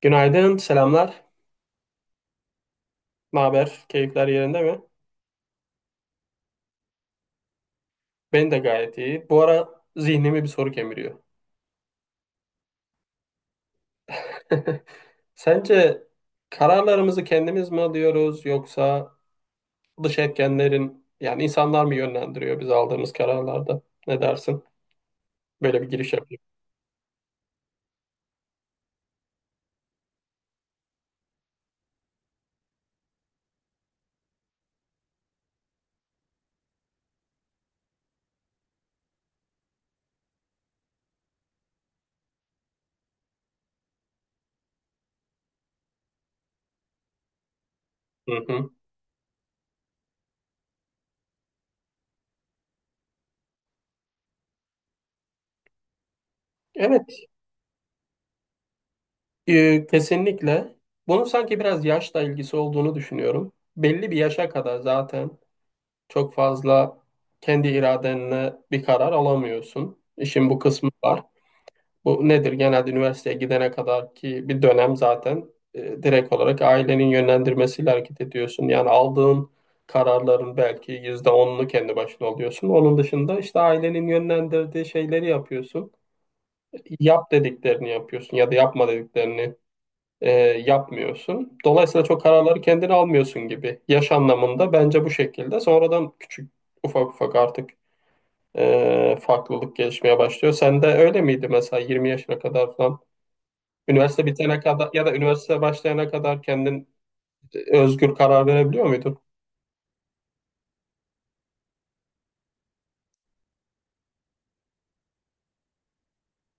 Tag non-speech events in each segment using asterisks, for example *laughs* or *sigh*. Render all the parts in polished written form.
Günaydın, selamlar. Ne haber? Keyifler yerinde mi? Ben de gayet iyi. Bu ara zihnimi bir soru kemiriyor. *laughs* Sence kararlarımızı kendimiz mi alıyoruz yoksa dış etkenlerin yani insanlar mı yönlendiriyor biz aldığımız kararlarda? Ne dersin? Böyle bir giriş yapayım. Hı hı. Evet, kesinlikle. Bunun sanki biraz yaşla ilgisi olduğunu düşünüyorum. Belli bir yaşa kadar zaten çok fazla kendi iradenle bir karar alamıyorsun. İşin bu kısmı var. Bu nedir? Genelde üniversiteye gidene kadar ki bir dönem zaten direkt olarak ailenin yönlendirmesiyle hareket ediyorsun. Yani aldığın kararların belki %10'unu kendi başına alıyorsun. Onun dışında işte ailenin yönlendirdiği şeyleri yapıyorsun. Yap dediklerini yapıyorsun ya da yapma dediklerini yapmıyorsun. Dolayısıyla çok kararları kendin almıyorsun gibi. Yaş anlamında bence bu şekilde. Sonradan küçük ufak ufak artık farklılık gelişmeye başlıyor. Sen de öyle miydi mesela 20 yaşına kadar falan? Üniversite bitene kadar ya da üniversite başlayana kadar kendin özgür karar verebiliyor muydun?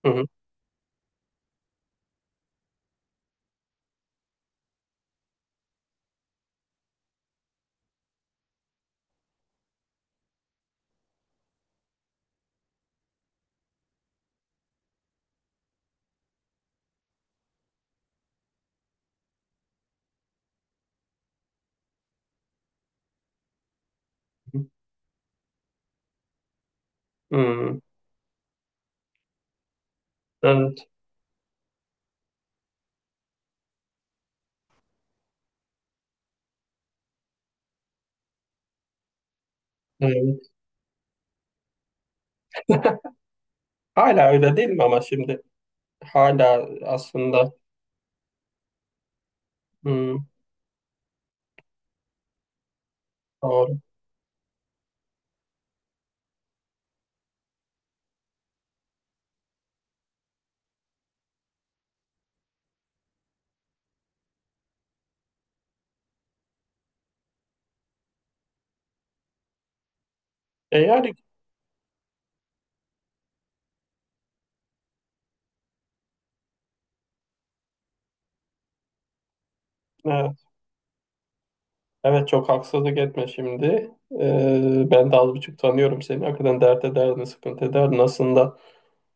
Hı hı. Hmm. Evet, evet. Hala öyle değil mi ama şimdi hala aslında hmm, doğru. E yani e, Evet çok haksızlık etme şimdi. Ben de az buçuk tanıyorum seni. Hakikaten dert ederdin, sıkıntı ederdin. Aslında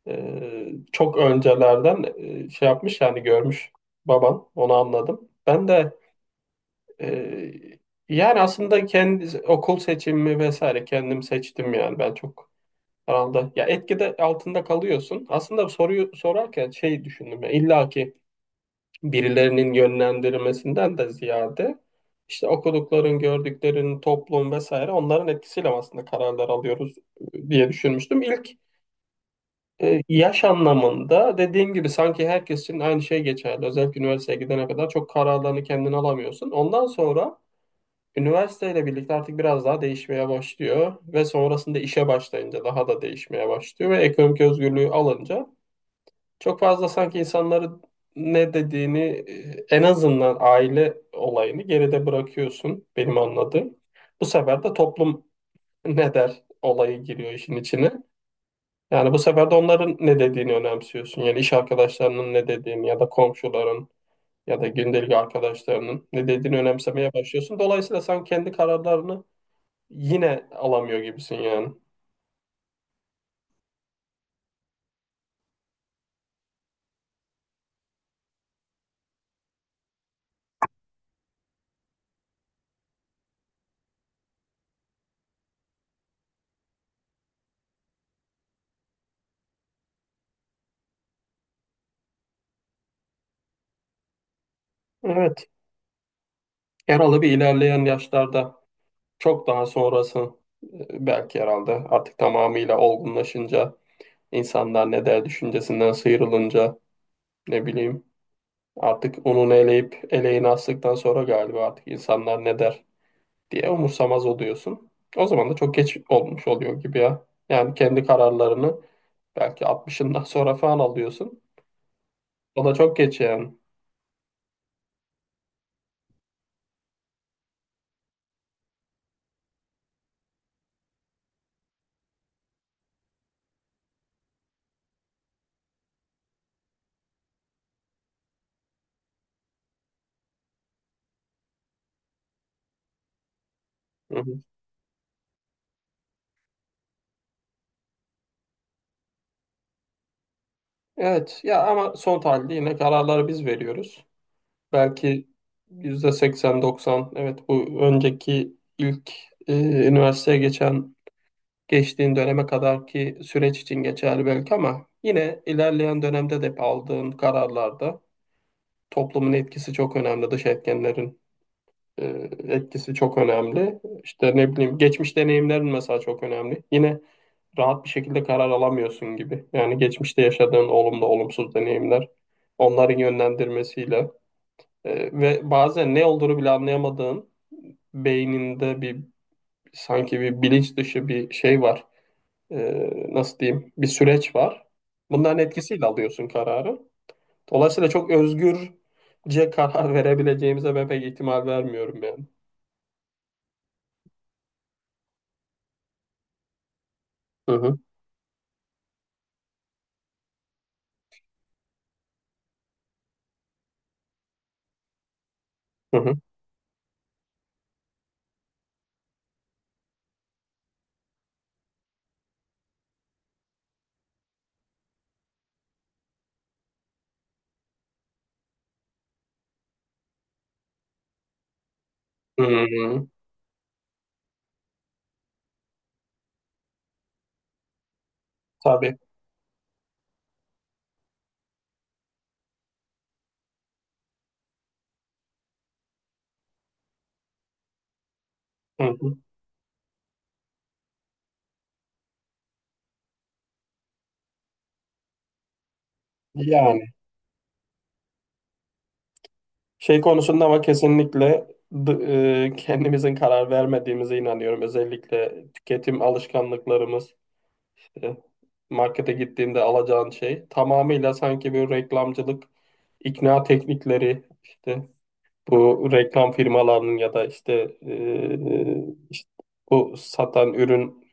e, çok öncelerden şey yapmış yani görmüş baban. Onu anladım. Ben de e, yani aslında kendi okul seçimi vesaire kendim seçtim yani. Ben çok herhalde ya etkide altında kalıyorsun. Aslında soruyu sorarken şey düşündüm ya illa ki birilerinin yönlendirmesinden de ziyade işte okudukların, gördüklerin, toplum vesaire onların etkisiyle aslında kararlar alıyoruz diye düşünmüştüm. İlk yaş anlamında dediğim gibi sanki herkes için aynı şey geçerli. Özellikle üniversiteye gidene kadar çok kararlarını kendin alamıyorsun. Ondan sonra üniversiteyle birlikte artık biraz daha değişmeye başlıyor ve sonrasında işe başlayınca daha da değişmeye başlıyor ve ekonomik özgürlüğü alınca çok fazla sanki insanların ne dediğini, en azından aile olayını geride bırakıyorsun benim anladığım. Bu sefer de toplum ne der olayı giriyor işin içine. Yani bu sefer de onların ne dediğini önemsiyorsun. Yani iş arkadaşlarının ne dediğini ya da komşuların ya da gündelik arkadaşlarının ne dediğini önemsemeye başlıyorsun. Dolayısıyla sen kendi kararlarını yine alamıyor gibisin yani. Evet. Yaralı bir ilerleyen yaşlarda. Çok daha sonrası, belki herhalde artık tamamıyla olgunlaşınca insanlar ne der düşüncesinden sıyrılınca, ne bileyim, artık onun eleyip eleğini astıktan sonra galiba artık insanlar ne der diye umursamaz oluyorsun. O zaman da çok geç olmuş oluyor gibi ya. Yani kendi kararlarını belki 60'ından sonra falan alıyorsun. O da çok geç yani. Hı hı. Evet ya ama son tahlilde yine kararları biz veriyoruz. Belki yüzde 80-90. Evet bu önceki ilk e, üniversiteye geçtiğin döneme kadarki süreç için geçerli belki ama yine ilerleyen dönemde de aldığın kararlarda toplumun etkisi çok önemli. Dış etkenlerin e, etkisi çok önemli. İşte ne bileyim geçmiş deneyimlerin mesela çok önemli. Yine rahat bir şekilde karar alamıyorsun gibi. Yani geçmişte yaşadığın olumlu olumsuz deneyimler onların yönlendirmesiyle, ve bazen ne olduğunu bile anlayamadığın beyninde sanki bir bilinç dışı bir şey var. E, nasıl diyeyim? Bir süreç var. Bunların etkisiyle alıyorsun kararı. Dolayısıyla çok özgürce *laughs* karar verebileceğimize ben pek ihtimal vermiyorum yani. Hı hı, hı hı. Hı, tabii. Hı hı. Yani şey konusunda ama kesinlikle kendimizin karar vermediğimize inanıyorum. Özellikle tüketim alışkanlıklarımız, e, markete gittiğinde alacağın şey tamamıyla sanki bir reklamcılık, ikna teknikleri, işte bu reklam firmalarının ya da işte bu satan ürün,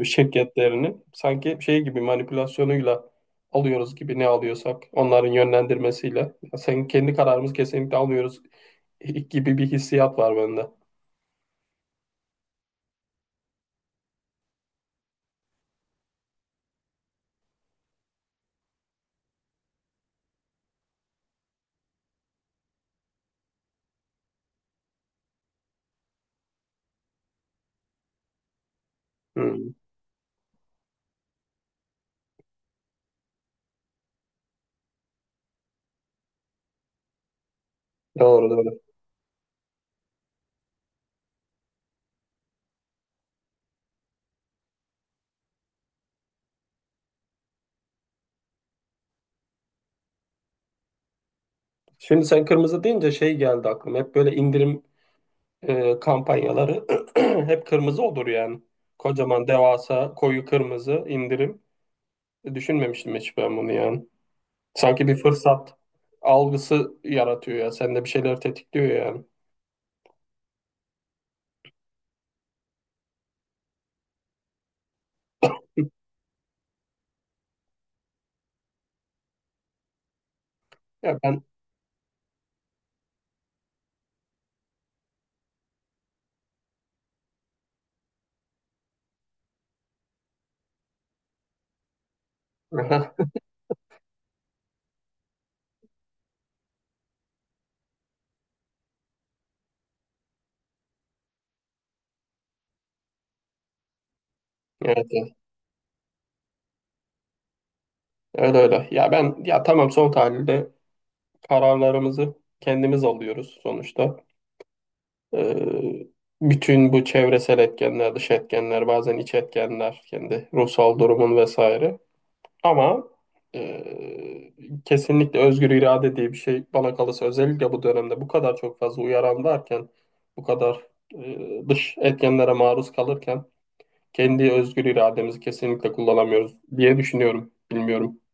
şirketlerinin sanki şey gibi manipülasyonuyla alıyoruz gibi, ne alıyorsak onların yönlendirmesiyle. Sen kendi kararımızı kesinlikle almıyoruz *laughs* gibi bir hissiyat var bende. Hmm, doğru doğru. Şimdi sen kırmızı deyince şey geldi aklıma. Hep böyle indirim kampanyaları *clears throat* hep kırmızı olur yani. Kocaman devasa koyu kırmızı indirim. Düşünmemiştim hiç ben bunu yani. Sanki bir fırsat algısı yaratıyor ya. Sende bir şeyler tetikliyor yani. Ya ben *laughs* evet, evet. Öyle öyle. Ya ben ya tamam, son tahlilde kararlarımızı kendimiz alıyoruz sonuçta. Ee, bütün bu çevresel etkenler, dış etkenler, bazen iç etkenler, kendi ruhsal durumun vesaire. Ama e, kesinlikle özgür irade diye bir şey, bana kalırsa özellikle bu dönemde bu kadar çok fazla uyaran varken, bu kadar dış etkenlere maruz kalırken kendi özgür irademizi kesinlikle kullanamıyoruz diye düşünüyorum. Bilmiyorum.